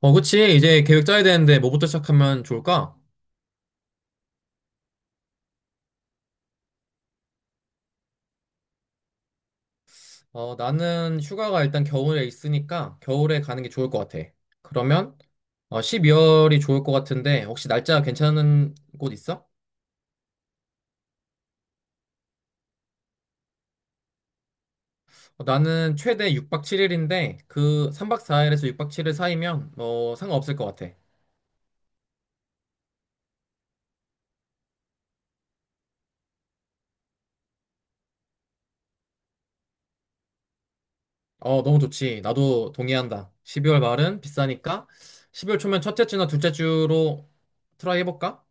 그치. 이제 계획 짜야 되는데 뭐부터 시작하면 좋을까? 나는 휴가가 일단 겨울에 있으니까 겨울에 가는 게 좋을 것 같아. 그러면 12월이 좋을 것 같은데 혹시 날짜 괜찮은 곳 있어? 나는 최대 6박 7일인데 그 3박 4일에서 6박 7일 사이면 뭐 상관없을 것 같아. 너무 좋지. 나도 동의한다. 12월 말은 비싸니까 12월 초면 첫째 주나 둘째 주로 트라이 해볼까?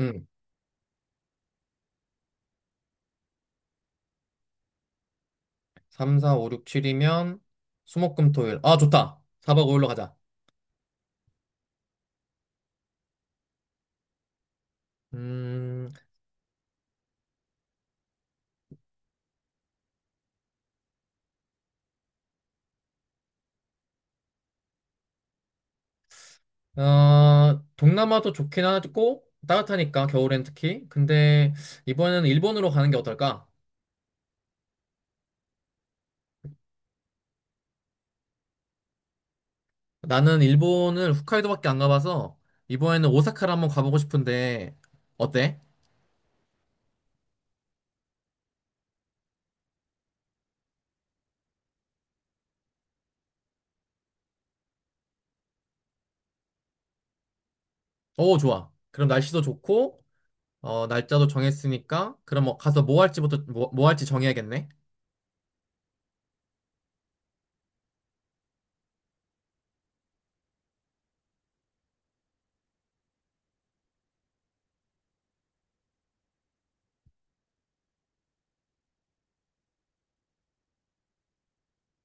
응. 3, 4, 5, 6, 7이면 수목금토일. 아, 좋다. 4박 5일로 가자. 음, 동남아도 좋긴 하고 따뜻하니까 겨울엔 특히. 근데 이번에는 일본으로 가는 게 어떨까? 나는 일본을 홋카이도밖에 안 가봐서 이번에는 오사카를 한번 가보고 싶은데 어때? 오, 좋아. 그럼 날씨도 좋고 날짜도 정했으니까 그럼 뭐 가서 뭐 할지부터 뭐 할지 정해야겠네.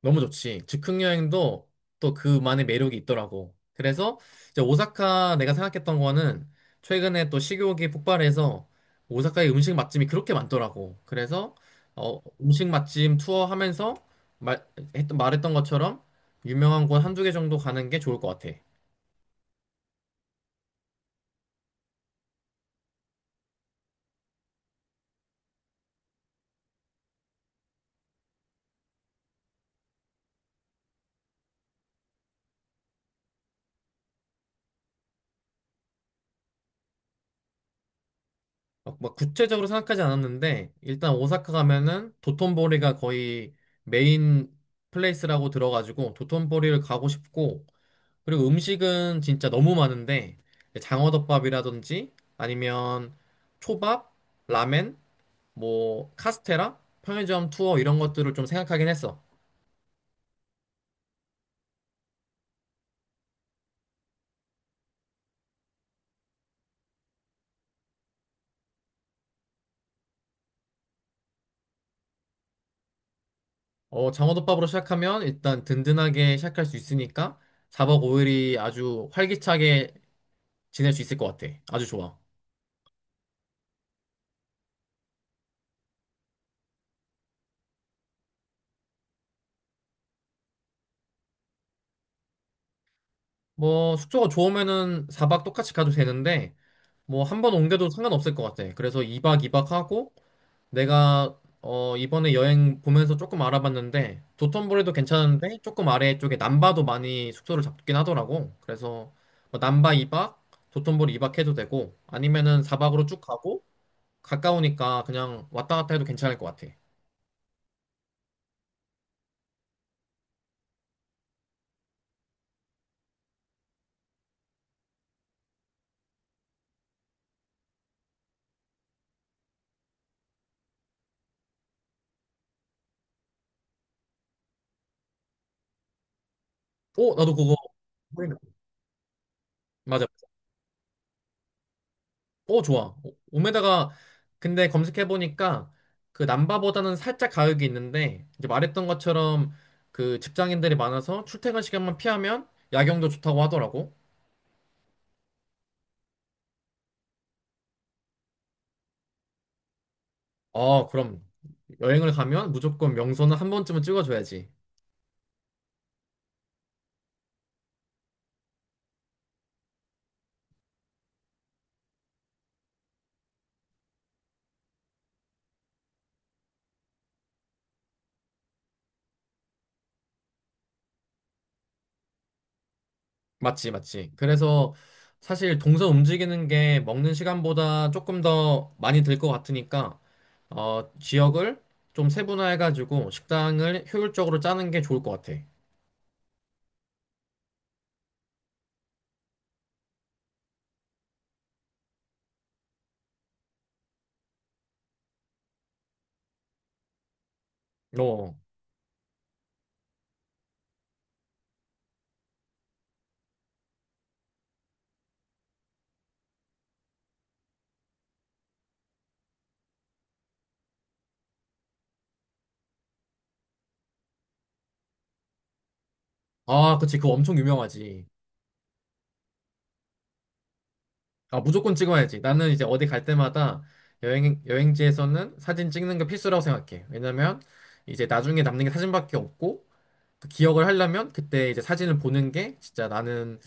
너무 좋지. 즉흥 여행도 또 그만의 매력이 있더라고. 그래서 이제 오사카 내가 생각했던 거는 최근에 또 식욕이 폭발해서 오사카의 음식 맛집이 그렇게 많더라고. 그래서 음식 맛집 투어 하면서 말, 말했던 것처럼 유명한 곳 한두 개 정도 가는 게 좋을 것 같아. 막 구체적으로 생각하지 않았는데 일단 오사카 가면은 도톤보리가 거의 메인 플레이스라고 들어가지고 도톤보리를 가고 싶고 그리고 음식은 진짜 너무 많은데 장어덮밥이라든지 아니면 초밥, 라멘, 뭐 카스테라, 편의점 투어 이런 것들을 좀 생각하긴 했어. 장어덮밥으로 시작하면 일단 든든하게 시작할 수 있으니까 4박 5일이 아주 활기차게 지낼 수 있을 것 같아. 아주 좋아. 뭐 숙소가 좋으면은 4박 똑같이 가도 되는데 뭐 한 번 옮겨도 상관없을 것 같아. 그래서 2박 2박 하고 내가 이번에 여행 보면서 조금 알아봤는데 도톤보리도 괜찮은데 조금 아래쪽에 남바도 많이 숙소를 잡긴 하더라고. 그래서 뭐 남바 2박, 도톤보리 2박 해도 되고 아니면은 4박으로 쭉 가고 가까우니까 그냥 왔다 갔다 해도 괜찮을 것 같아. 오, 나도 그거 확인해. 맞아. 오, 좋아. 오메다가 근데 검색해 보니까 그 남바보다는 살짝 가격이 있는데 이제 말했던 것처럼 그 직장인들이 많아서 출퇴근 시간만 피하면 야경도 좋다고 하더라고. 그럼 여행을 가면 무조건 명소는 한 번쯤은 찍어줘야지. 맞지, 맞지. 그래서 사실 동선 움직이는 게 먹는 시간보다 조금 더 많이 들 것 같으니까 지역을 좀 세분화해가지고 식당을 효율적으로 짜는 게 좋을 것 같아. 어. 아, 그치. 그거 엄청 유명하지. 아, 무조건 찍어야지. 나는 이제 어디 갈 때마다 여행지에서는 사진 찍는 게 필수라고 생각해. 왜냐면 이제 나중에 남는 게 사진밖에 없고 그 기억을 하려면 그때 이제 사진을 보는 게 진짜 나는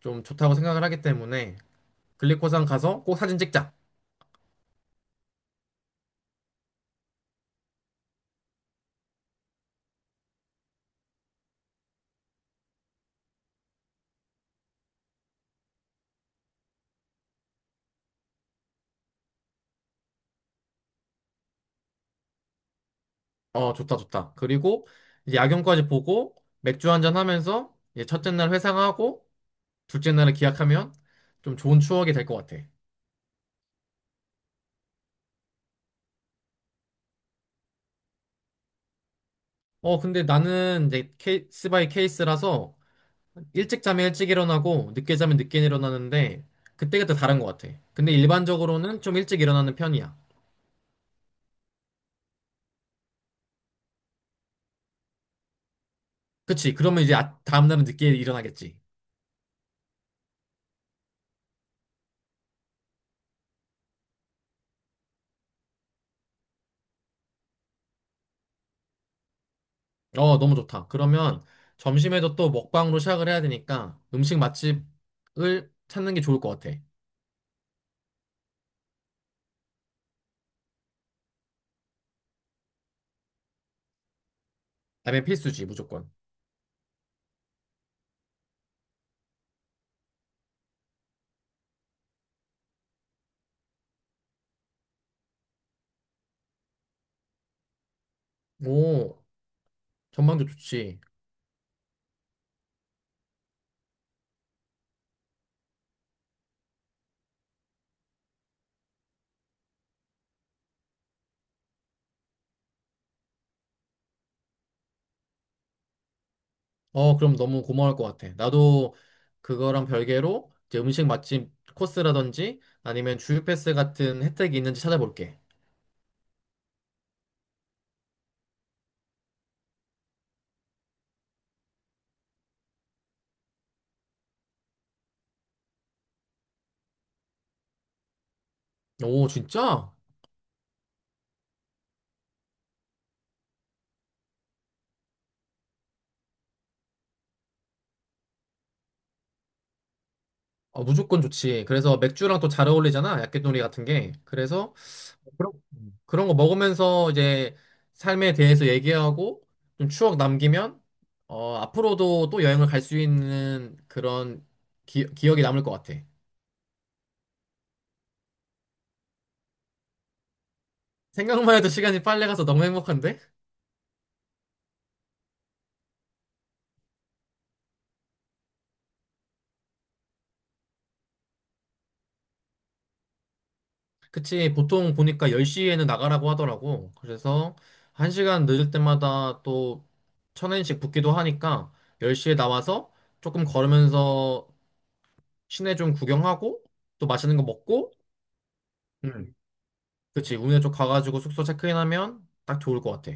좀 좋다고 생각을 하기 때문에 글리코산 가서 꼭 사진 찍자. 좋다, 좋다. 그리고 이제 야경까지 보고 맥주 한 잔 하면서 이제 첫째 날 회상하고 둘째 날을 기약하면 좀 좋은 추억이 될 것 같아. 근데 나는 이제 케이스 바이 케이스라서 일찍 자면 일찍 일어나고 늦게 자면 늦게 일어나는데 그때그때 다른 것 같아. 근데 일반적으로는 좀 일찍 일어나는 편이야. 그치? 그러면 이제 다음 날은 늦게 일어나겠지. 너무 좋다. 그러면 점심에도 또 먹방으로 시작을 해야 되니까 음식 맛집을 찾는 게 좋을 것 같아. 라면 필수지, 무조건. 오, 전망도 좋지. 그럼 너무 고마울 것 같아. 나도 그거랑 별개로 이제 음식 맛집 코스라든지 아니면 주유 패스 같은 혜택이 있는지 찾아볼게. 오, 진짜? 무조건 좋지. 그래서 맥주랑 또 잘 어울리잖아. 약개놀이 같은 게. 그래서 그런, 그런 거 먹으면서 이제 삶에 대해서 얘기하고 좀 추억 남기면 앞으로도 또 여행을 갈 수 있는 그런 기억이 남을 것 같아. 생각만 해도 시간이 빨리 가서 너무 행복한데? 그치, 보통 보니까 10시에는 나가라고 하더라고. 그래서 1시간 늦을 때마다 또 1,000엔씩 붓기도 하니까 10시에 나와서 조금 걸으면서 시내 좀 구경하고 또 맛있는 거 먹고 그치, 우리네 쪽 가가지고 숙소 체크인하면 딱 좋을 것 같아.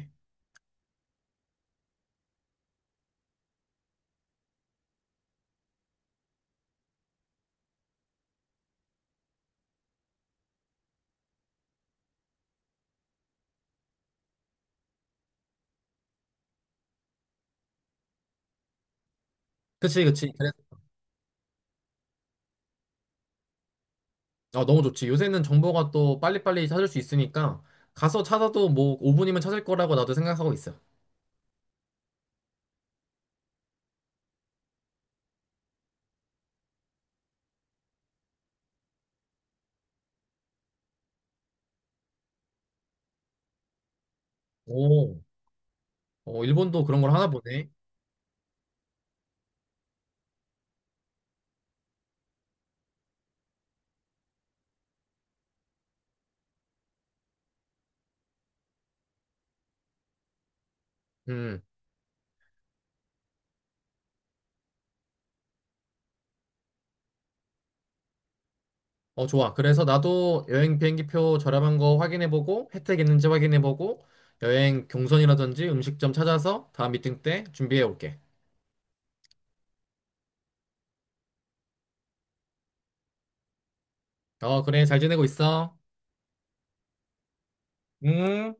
그치, 그치. 너무 좋지. 요새는 정보가 또 빨리빨리 찾을 수 있으니까 가서 찾아도 뭐 5분이면 찾을 거라고 나도 생각하고 있어. 오, 일본도 그런 걸 하나 보네. 음, 좋아. 그래서 나도 여행 비행기표 저렴한 거 확인해보고 혜택 있는지 확인해보고 여행 경선이라든지 음식점 찾아서 다음 미팅 때 준비해 올게. 그래. 잘 지내고 있어. 음.